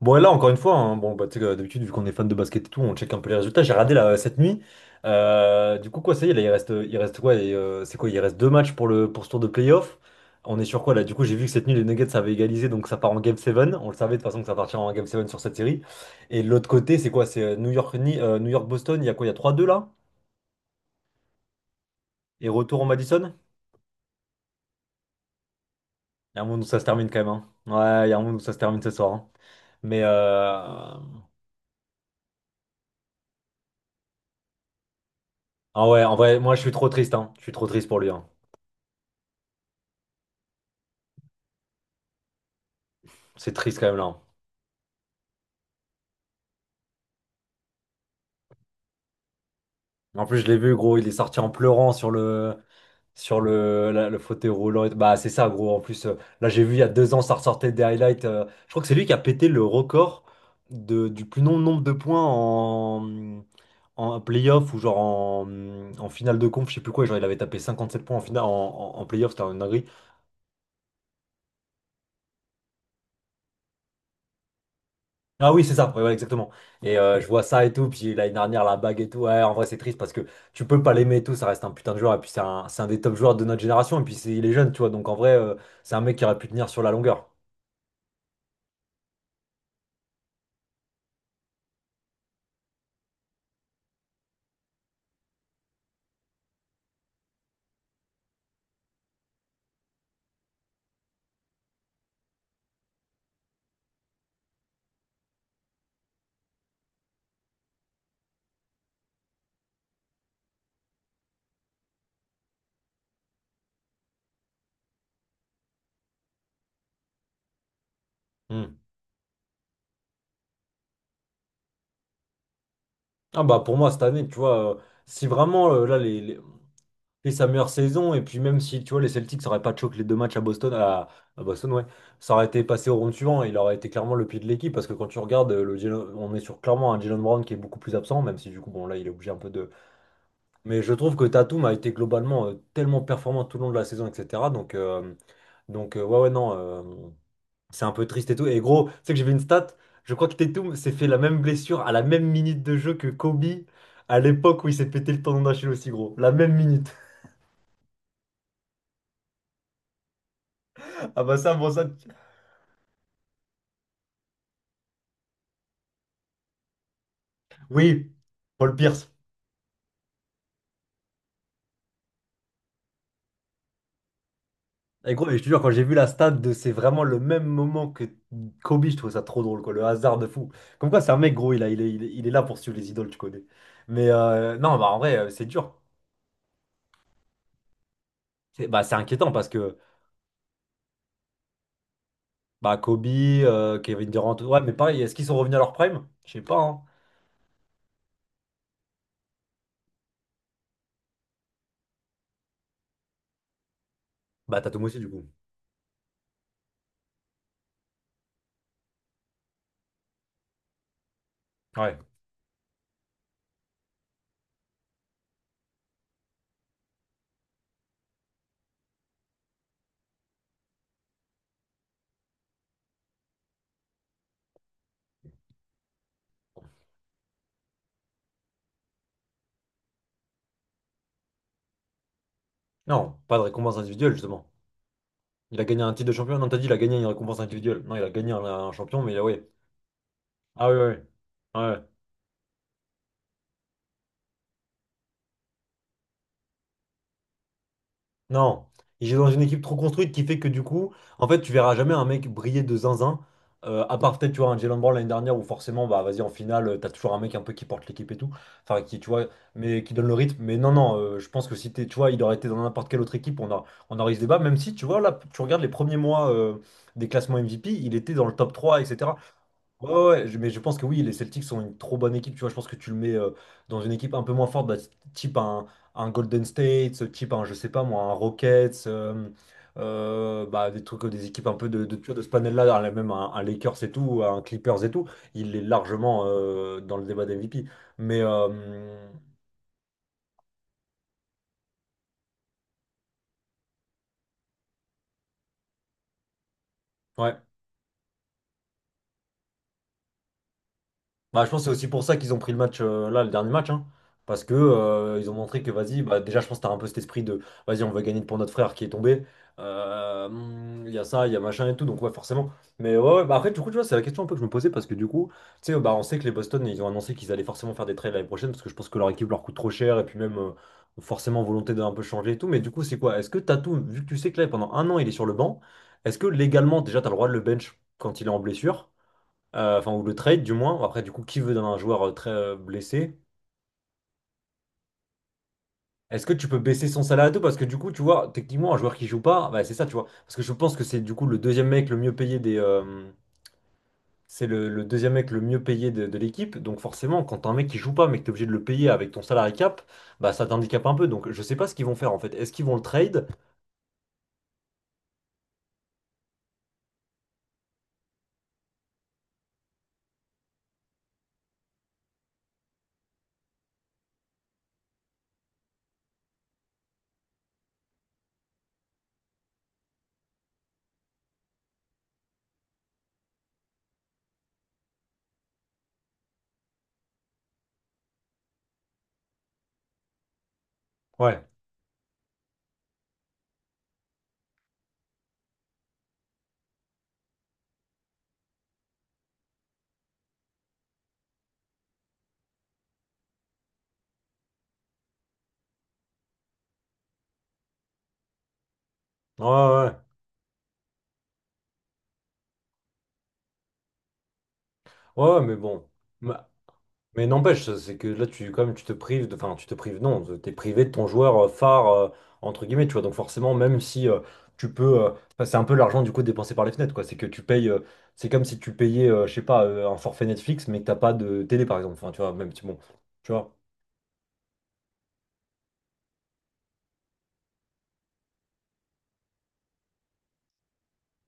Bon, et là, encore une fois, hein, bon, bah, tu sais, d'habitude, vu qu'on est fan de basket et tout, on check un peu les résultats. J'ai regardé là, cette nuit. Du coup, quoi, ça y est, là, il reste quoi? Et, c'est quoi? Il reste 2 matchs pour pour ce tour de playoff. On est sur quoi là? Du coup, j'ai vu que cette nuit, les Nuggets avaient égalisé, donc ça part en Game 7. On le savait de toute façon que ça partirait en Game 7 sur cette série. Et de l'autre côté, c'est quoi? C'est New York, New York-Boston, il y a quoi? Il y a trois deux là? Et retour au Madison? Il y a un monde où ça se termine quand même, hein. Ouais, il y a un monde où ça se termine ce soir, hein. Mais ah ouais, en vrai, moi, je suis trop triste, hein. Je suis trop triste pour lui, hein. C'est triste quand même là, hein. En plus, je l'ai vu, gros, il est sorti en pleurant sur sur le fauteuil roulant. Et bah, c'est ça, gros. En plus, là, j'ai vu il y a 2 ans, ça ressortait des highlights. Je crois que c'est lui qui a pété le record du plus long nombre de points en playoff ou genre en finale de conf, je sais plus quoi. Genre, il avait tapé 57 points en finale, en playoff, c'était un dinguerie. Ah oui, c'est ça, ouais, ouais, exactement. Et je vois ça et tout, puis l'année dernière, la bague et tout, ouais, en vrai, c'est triste parce que tu peux pas l'aimer et tout, ça reste un putain de joueur, et puis c'est un des top joueurs de notre génération, et puis c'est, il est jeune, tu vois, donc en vrai, c'est un mec qui aurait pu tenir sur la longueur. Hmm. Ah bah pour moi, cette année, tu vois, si vraiment, là, fait sa meilleure saison, et puis même si, tu vois, les Celtics n'auraient pas choqué les deux matchs à Boston, à Boston, ouais, ça aurait été passé au round suivant, et il aurait été clairement le pied de l'équipe, parce que quand tu regardes, Jalen- on est sur clairement un Jalen Brown qui est beaucoup plus absent, même si du coup, bon, là, il est obligé un peu de. Mais je trouve que Tatum a été globalement tellement performant tout le long de la saison, etc. Donc ouais, ouais, non, c'est un peu triste et tout. Et gros, tu sais que j'ai vu une stat, je crois que Tatum s'est fait la même blessure à la même minute de jeu que Kobe à l'époque où il s'est pété le tendon d'Achille aussi, gros. La même minute. Ah bah ça, bon, ça. Oui, Paul Pierce. Et gros, et je te jure, quand j'ai vu la stat de c'est vraiment le même moment que Kobe, je trouve ça trop drôle, quoi. Le hasard de fou. Comme quoi, c'est un mec, gros, il est il est là pour suivre les idoles, tu connais. Mais non, bah en vrai, c'est dur. C'est bah, c'est inquiétant parce que bah, Kobe, Kevin Durant, ouais, mais pareil, est-ce qu'ils sont revenus à leur prime? Je sais pas, hein. Bah, Tatum aussi, du coup. Ouais. Non, pas de récompense individuelle, justement. Il a gagné un titre de champion. Non, t'as dit, il a gagné une récompense individuelle. Non, il a gagné un champion, mais ouais. Ah, ouais, ouais. Ouais. Non, il est dans une équipe trop construite qui fait que du coup, en fait, tu verras jamais un mec briller de zinzin. À part peut-être, tu vois, un Jalen Brown l'année dernière où forcément, bah vas-y, en finale, t'as toujours un mec un peu qui porte l'équipe et tout. Enfin, qui, tu vois, mais qui donne le rythme. Mais non, non, je pense que si t'es, tu vois, il aurait été dans n'importe quelle autre équipe, on aurait eu ce débat. Même si, tu vois, là, tu regardes les premiers mois des classements MVP, il était dans le top 3, etc. Ouais, ouais, ouais, je- mais je pense que oui, les Celtics sont une trop bonne équipe. Tu vois, je pense que tu le mets dans une équipe un peu moins forte, bah, type un Golden State, type un, je sais pas moi, un Rockets, bah, des trucs, des équipes un peu tu vois, de ce panel-là, même un Lakers et tout, un Clippers et tout. Il est largement dans le débat d'MVP. Mais ouais. Bah, je pense que c'est aussi pour ça qu'ils ont pris le match là, le dernier match, hein. Parce que ils ont montré que vas-y, bah, déjà je pense que t'as un peu cet esprit de vas-y, on va gagner pour notre frère qui est tombé. Il y a ça, il y a machin et tout, donc ouais, forcément. Mais ouais, ouais, bah après, du coup, tu vois, c'est la question un peu que je me posais parce que du coup, tu sais, bah, on sait que les Boston ils ont annoncé qu'ils allaient forcément faire des trades l'année prochaine parce que je pense que leur équipe leur coûte trop cher et puis même forcément volonté d'un peu changer et tout. Mais du coup, c'est quoi? Est-ce que Tatum, vu que tu sais que là pendant 1 an il est sur le banc, est-ce que légalement déjà t'as le droit de le bench quand il est en blessure? Enfin ou le trade du moins. Après, du coup, qui veut d'un joueur très blessé? Est-ce que tu peux baisser son salaire à tout? Parce que du coup, tu vois, techniquement, un joueur qui joue pas, bah, c'est ça, tu vois. Parce que je pense que c'est du coup le deuxième mec le mieux payé des, c'est le deuxième mec le mieux payé de l'équipe. Donc forcément, quand t'as un mec qui joue pas, mais que t'es obligé de le payer avec ton salary cap, bah ça t'handicape un peu. Donc je sais pas ce qu'ils vont faire en fait. Est-ce qu'ils vont le trade? Ouais. Ouais, ouais, ouais. Ouais, ouais, mais bon. Mais n'empêche, ça, c'est que là, tu, quand même, tu te prives, de- enfin, tu te prives, non, t'es privé de ton joueur phare, entre guillemets, tu vois. Donc forcément, même si enfin, c'est un peu l'argent du coup dépensé par les fenêtres, quoi. C'est que tu payes, c'est comme si tu payais, je sais pas, un forfait Netflix, mais que t'as pas de télé, par exemple. Enfin, tu vois, même si bon, tu vois.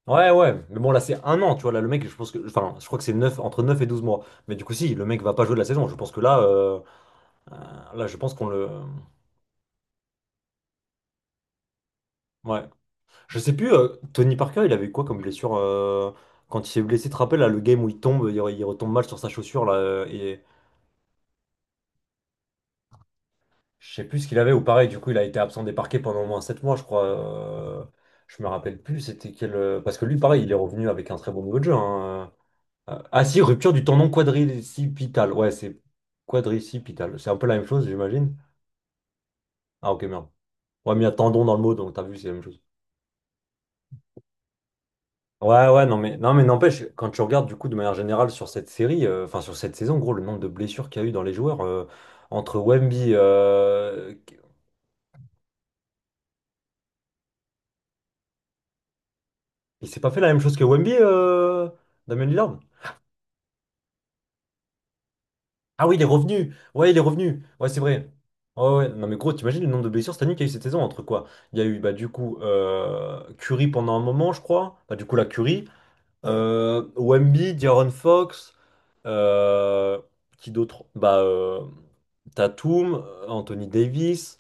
Ouais, ouais, mais bon, là, c'est 1 an, tu vois. Là, le mec, je pense que, enfin, je crois que c'est 9 entre 9 et 12 mois. Mais du coup, si, le mec va pas jouer de la saison. Je pense que là, euh, là, je pense qu'on le. Ouais. Je sais plus, Tony Parker, il avait quoi comme blessure quand il s'est blessé, tu te rappelles, là, le game où il tombe, il retombe mal sur sa chaussure, là, et je sais plus ce qu'il avait, ou pareil, du coup, il a été absent des parquets pendant au moins 7 mois, je crois. Je me rappelle plus, c'était quel. Parce que lui, pareil, il est revenu avec un très bon niveau de jeu, hein, ah si, rupture du tendon quadricipital. Ouais, c'est quadricipital. C'est un peu la même chose, j'imagine. Ah, ok, merde. Ouais, mais il y a tendon dans le mot, donc t'as vu, c'est la même chose. Ouais, ouais, non, mais non, mais n'empêche, quand tu regardes du coup de manière générale sur cette série, enfin sur cette saison, gros, le nombre de blessures qu'il y a eu dans les joueurs entre Wemby, il s'est pas fait la même chose que Wemby, euh. Damien Lillard? Ah oui, il est revenu, ouais, il est revenu, ouais, c'est vrai. Ouais, ouais, non, mais gros, t'imagines le nombre de blessures cette année qu'il y a eu cette saison entre quoi? Il y a eu bah, du coup Curry pendant un moment, je crois, bah, du coup la Curry, Wemby, De'Aaron Fox, euh, qui d'autre? Bah, Tatum, Anthony Davis,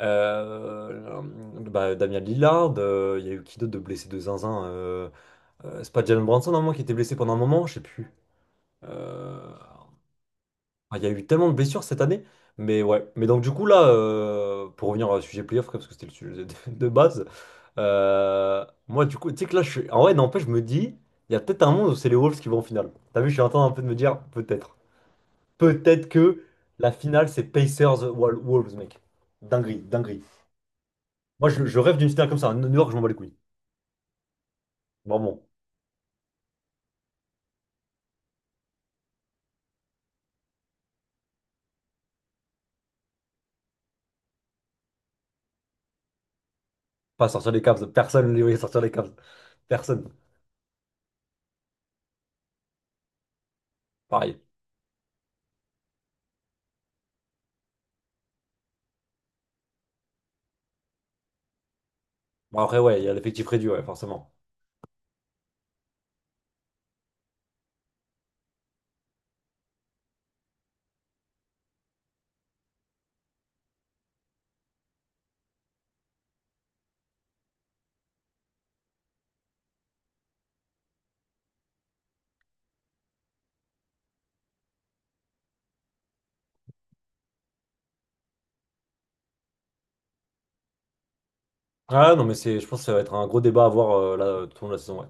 euh, bah, Damian Lillard, il y a eu qui d'autre de blessé de zinzin? C'est pas Jalen Brunson, normalement, qui était blessé pendant un moment, je sais plus. Euh, Il y a eu tellement de blessures cette année. Mais ouais. Mais donc du coup là, pour revenir au sujet playoff, parce que c'était le sujet de base, moi du coup, tu sais que là, je suis... En vrai, n'empêche, je me dis, il y a peut-être un monde où c'est les Wolves qui vont en finale. T'as vu, je suis en train un peu de me dire, peut-être. Peut-être que la finale, c'est Pacers-Wolves, mec. Dinguerie, dinguerie. Moi, je rêve d'une finale comme ça. New York, je m'en bats les couilles. Vraiment. Pas sortir les Cavs. Personne ne les voyait sortir les Cavs. Personne. Pareil. Bon, après, ouais, il y a l'effectif réduit, ouais, forcément. Ah non, mais c'est, je pense que ça va être un gros débat à avoir là, tout au long de la saison, ouais.